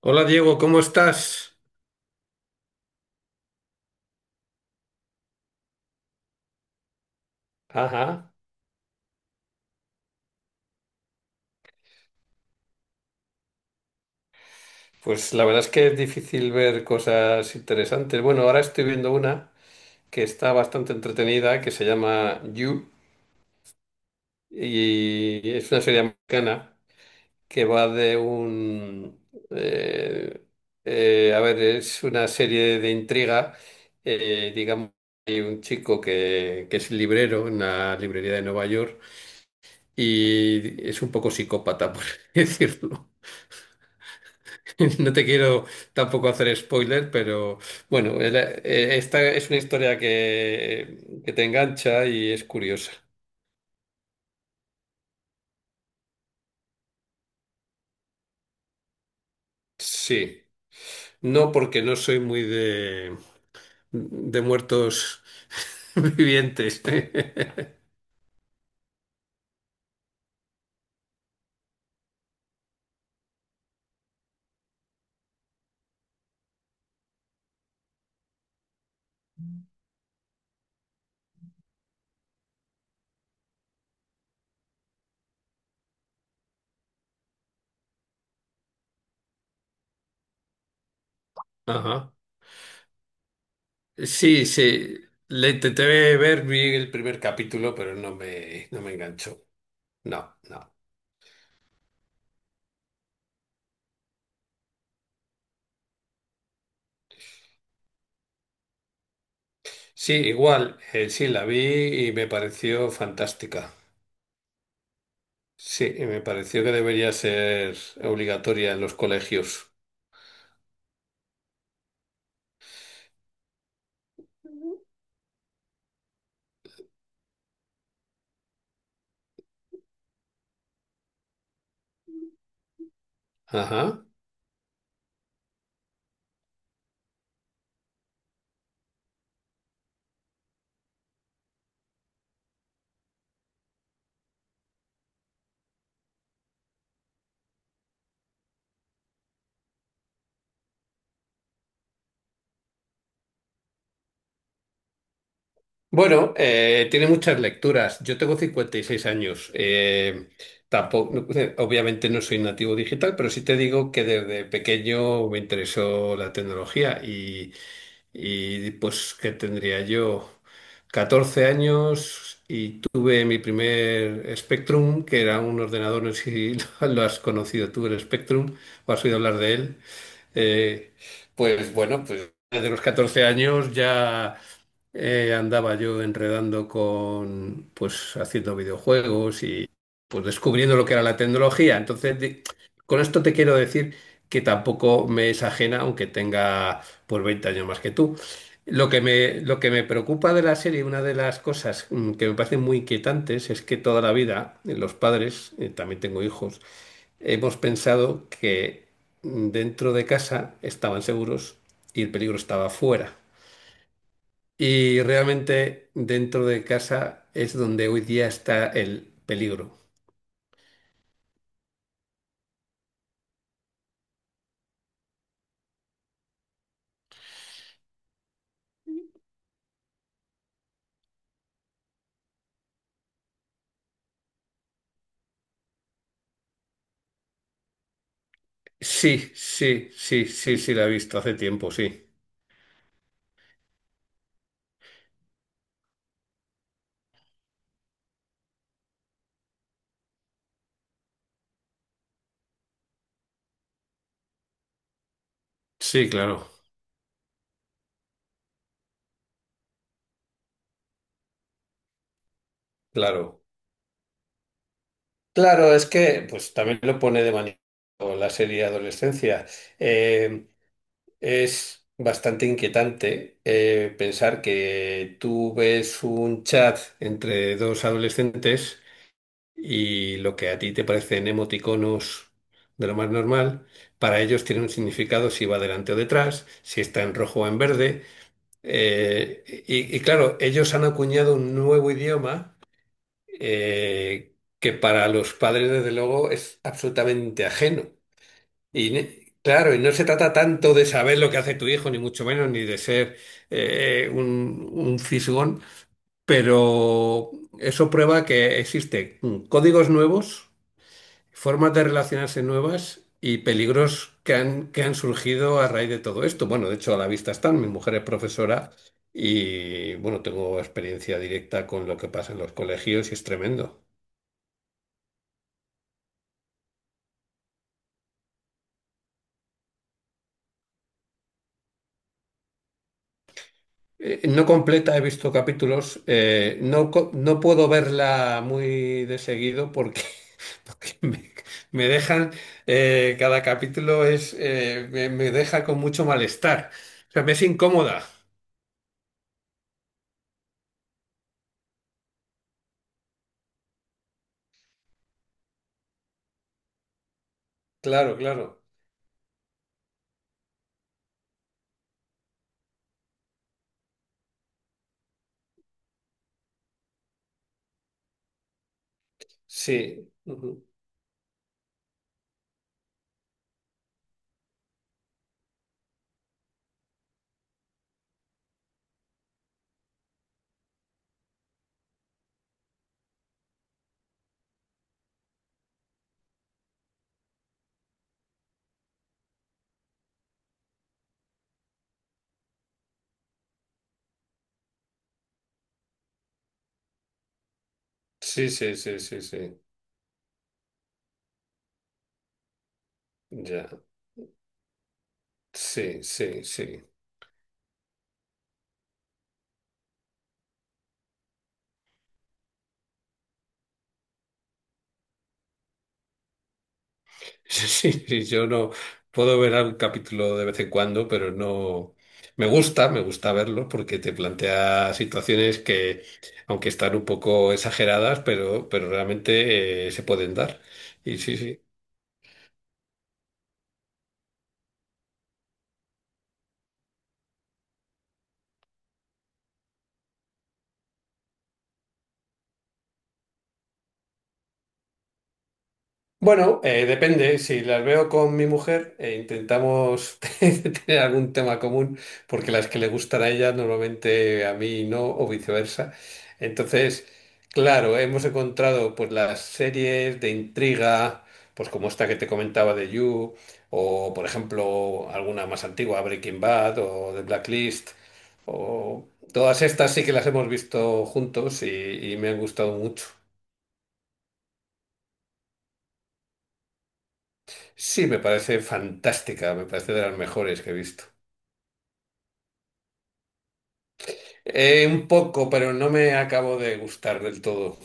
Hola Diego, ¿cómo estás? Ajá. Pues la verdad es que es difícil ver cosas interesantes. Bueno, ahora estoy viendo una que está bastante entretenida, que se llama You, y es una serie americana que va de eh, a ver, es una serie de intriga. Digamos, hay un chico que es librero en una librería de Nueva York y es un poco psicópata, por así decirlo. No te quiero tampoco hacer spoiler, pero bueno, esta es una historia que te engancha y es curiosa. Sí, no porque no soy muy de muertos vivientes. Ajá. Sí, sí, le intenté ver, vi el primer capítulo, pero no me enganchó. No, no. Sí, igual, sí, la vi y me pareció fantástica. Sí, y me pareció que debería ser obligatoria en los colegios. Ajá. Bueno, tiene muchas lecturas. Yo tengo 56 años. Tampoco, no, obviamente no soy nativo digital, pero sí te digo que desde pequeño me interesó la tecnología y pues que tendría yo 14 años y tuve mi primer Spectrum, que era un ordenador, no sé si lo has conocido tú, el Spectrum, o has oído hablar de él. Eh, pues bueno, pues desde los 14 años ya andaba yo enredando con, pues haciendo videojuegos y pues descubriendo lo que era la tecnología. Entonces, con esto te quiero decir que tampoco me es ajena, aunque tenga pues 20 años más que tú. Lo que me preocupa de la serie, una de las cosas que me parecen muy inquietantes, es que toda la vida los padres, también tengo hijos, hemos pensado que dentro de casa estaban seguros y el peligro estaba fuera. Y realmente dentro de casa es donde hoy día está el peligro. Sí, sí, sí, sí, sí, la he visto hace tiempo, sí. Sí, claro, claro. Claro, es que pues también lo pone de manifiesto la serie Adolescencia. Es bastante inquietante pensar que tú ves un chat entre dos adolescentes y lo que a ti te parecen emoticonos de lo más normal, para ellos tiene un significado si va delante o detrás, si está en rojo o en verde. Y claro, ellos han acuñado un nuevo idioma que para los padres, desde luego, es absolutamente ajeno. Y claro, y no se trata tanto de saber lo que hace tu hijo, ni mucho menos, ni de ser un fisgón, pero eso prueba que existen códigos nuevos, formas de relacionarse nuevas y peligros que han surgido a raíz de todo esto. Bueno, de hecho, a la vista están. Mi mujer es profesora y, bueno, tengo experiencia directa con lo que pasa en los colegios y es tremendo. No completa, he visto capítulos. No, no puedo verla muy de seguido porque, porque me dejan, cada capítulo es, me deja con mucho malestar. O sea, me es incómoda. Claro, claro. Sí. Ujú. Sí, sí, sí, sí, sí. Ya. Sí, sí, sí. Sí, sí, yo no puedo ver un capítulo de vez en cuando, pero no me gusta, me gusta verlo porque te plantea situaciones que, aunque están un poco exageradas, pero realmente se pueden dar. Y sí, sí. Bueno, depende. Si las veo con mi mujer, intentamos tener algún tema común, porque las que le gustan a ella normalmente a mí no, o viceversa. Entonces, claro, hemos encontrado pues las series de intriga, pues como esta que te comentaba de You, o por ejemplo alguna más antigua, Breaking Bad o The Blacklist, o todas estas sí que las hemos visto juntos y me han gustado mucho. Sí, me parece fantástica, me parece de las mejores que he visto. Un poco, pero no me acabo de gustar del todo.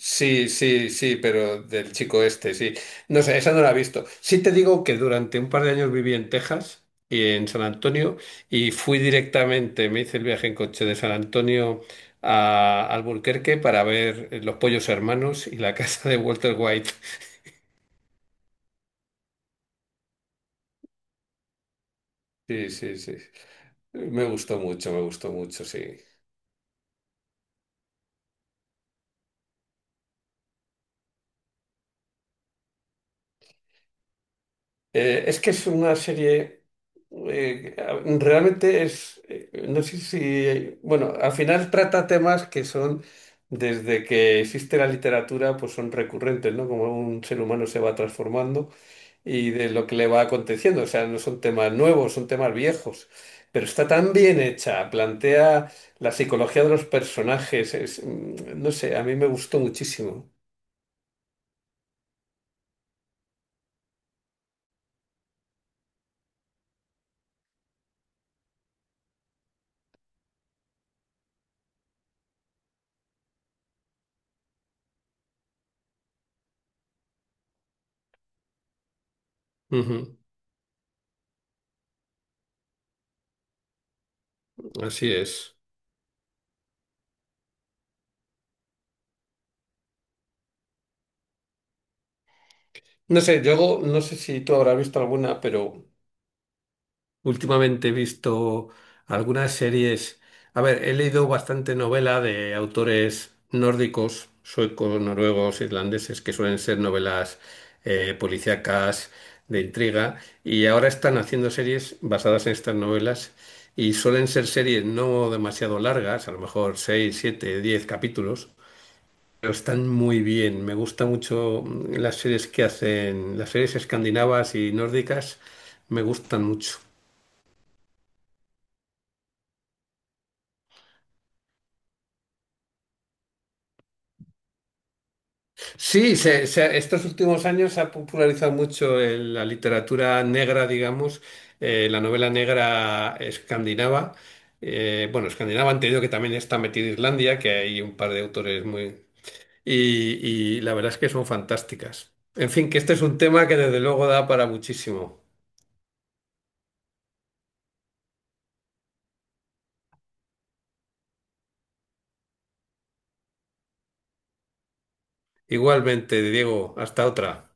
Sí, sí, sí, pero del chico este, sí. No sé, esa no la he visto. Sí te digo que durante un par de años viví en Texas y en San Antonio y fui directamente, me hice el viaje en coche de San Antonio a Albuquerque para ver Los Pollos Hermanos y la casa de Walter White. Sí, sí, sí. Me gustó mucho, sí. Es que es una serie, eh, realmente es, no sé si, bueno, al final trata temas que son, desde que existe la literatura, pues son recurrentes, ¿no? Como un ser humano se va transformando y de lo que le va aconteciendo. O sea, no son temas nuevos, son temas viejos. Pero está tan bien hecha, plantea la psicología de los personajes, es, no sé, a mí me gustó muchísimo. Ujú, así es. No sé, yo no sé si tú habrás visto alguna, pero... Últimamente he visto algunas series. A ver, he leído bastante novela de autores nórdicos, suecos, noruegos, irlandeses, que suelen ser novelas policíacas de intriga. Y ahora están haciendo series basadas en estas novelas. Y suelen ser series no demasiado largas, a lo mejor 6, 7, 10 capítulos. Pero están muy bien. Me gusta mucho las series que hacen, las series escandinavas y nórdicas me gustan mucho. Sí, estos últimos años se ha popularizado mucho la literatura negra, digamos, la novela negra escandinava. Bueno, escandinava, han tenido que también está metida Islandia, que hay un par de autores muy... Y, y la verdad es que son fantásticas. En fin, que este es un tema que desde luego da para muchísimo. Igualmente, Diego, hasta otra.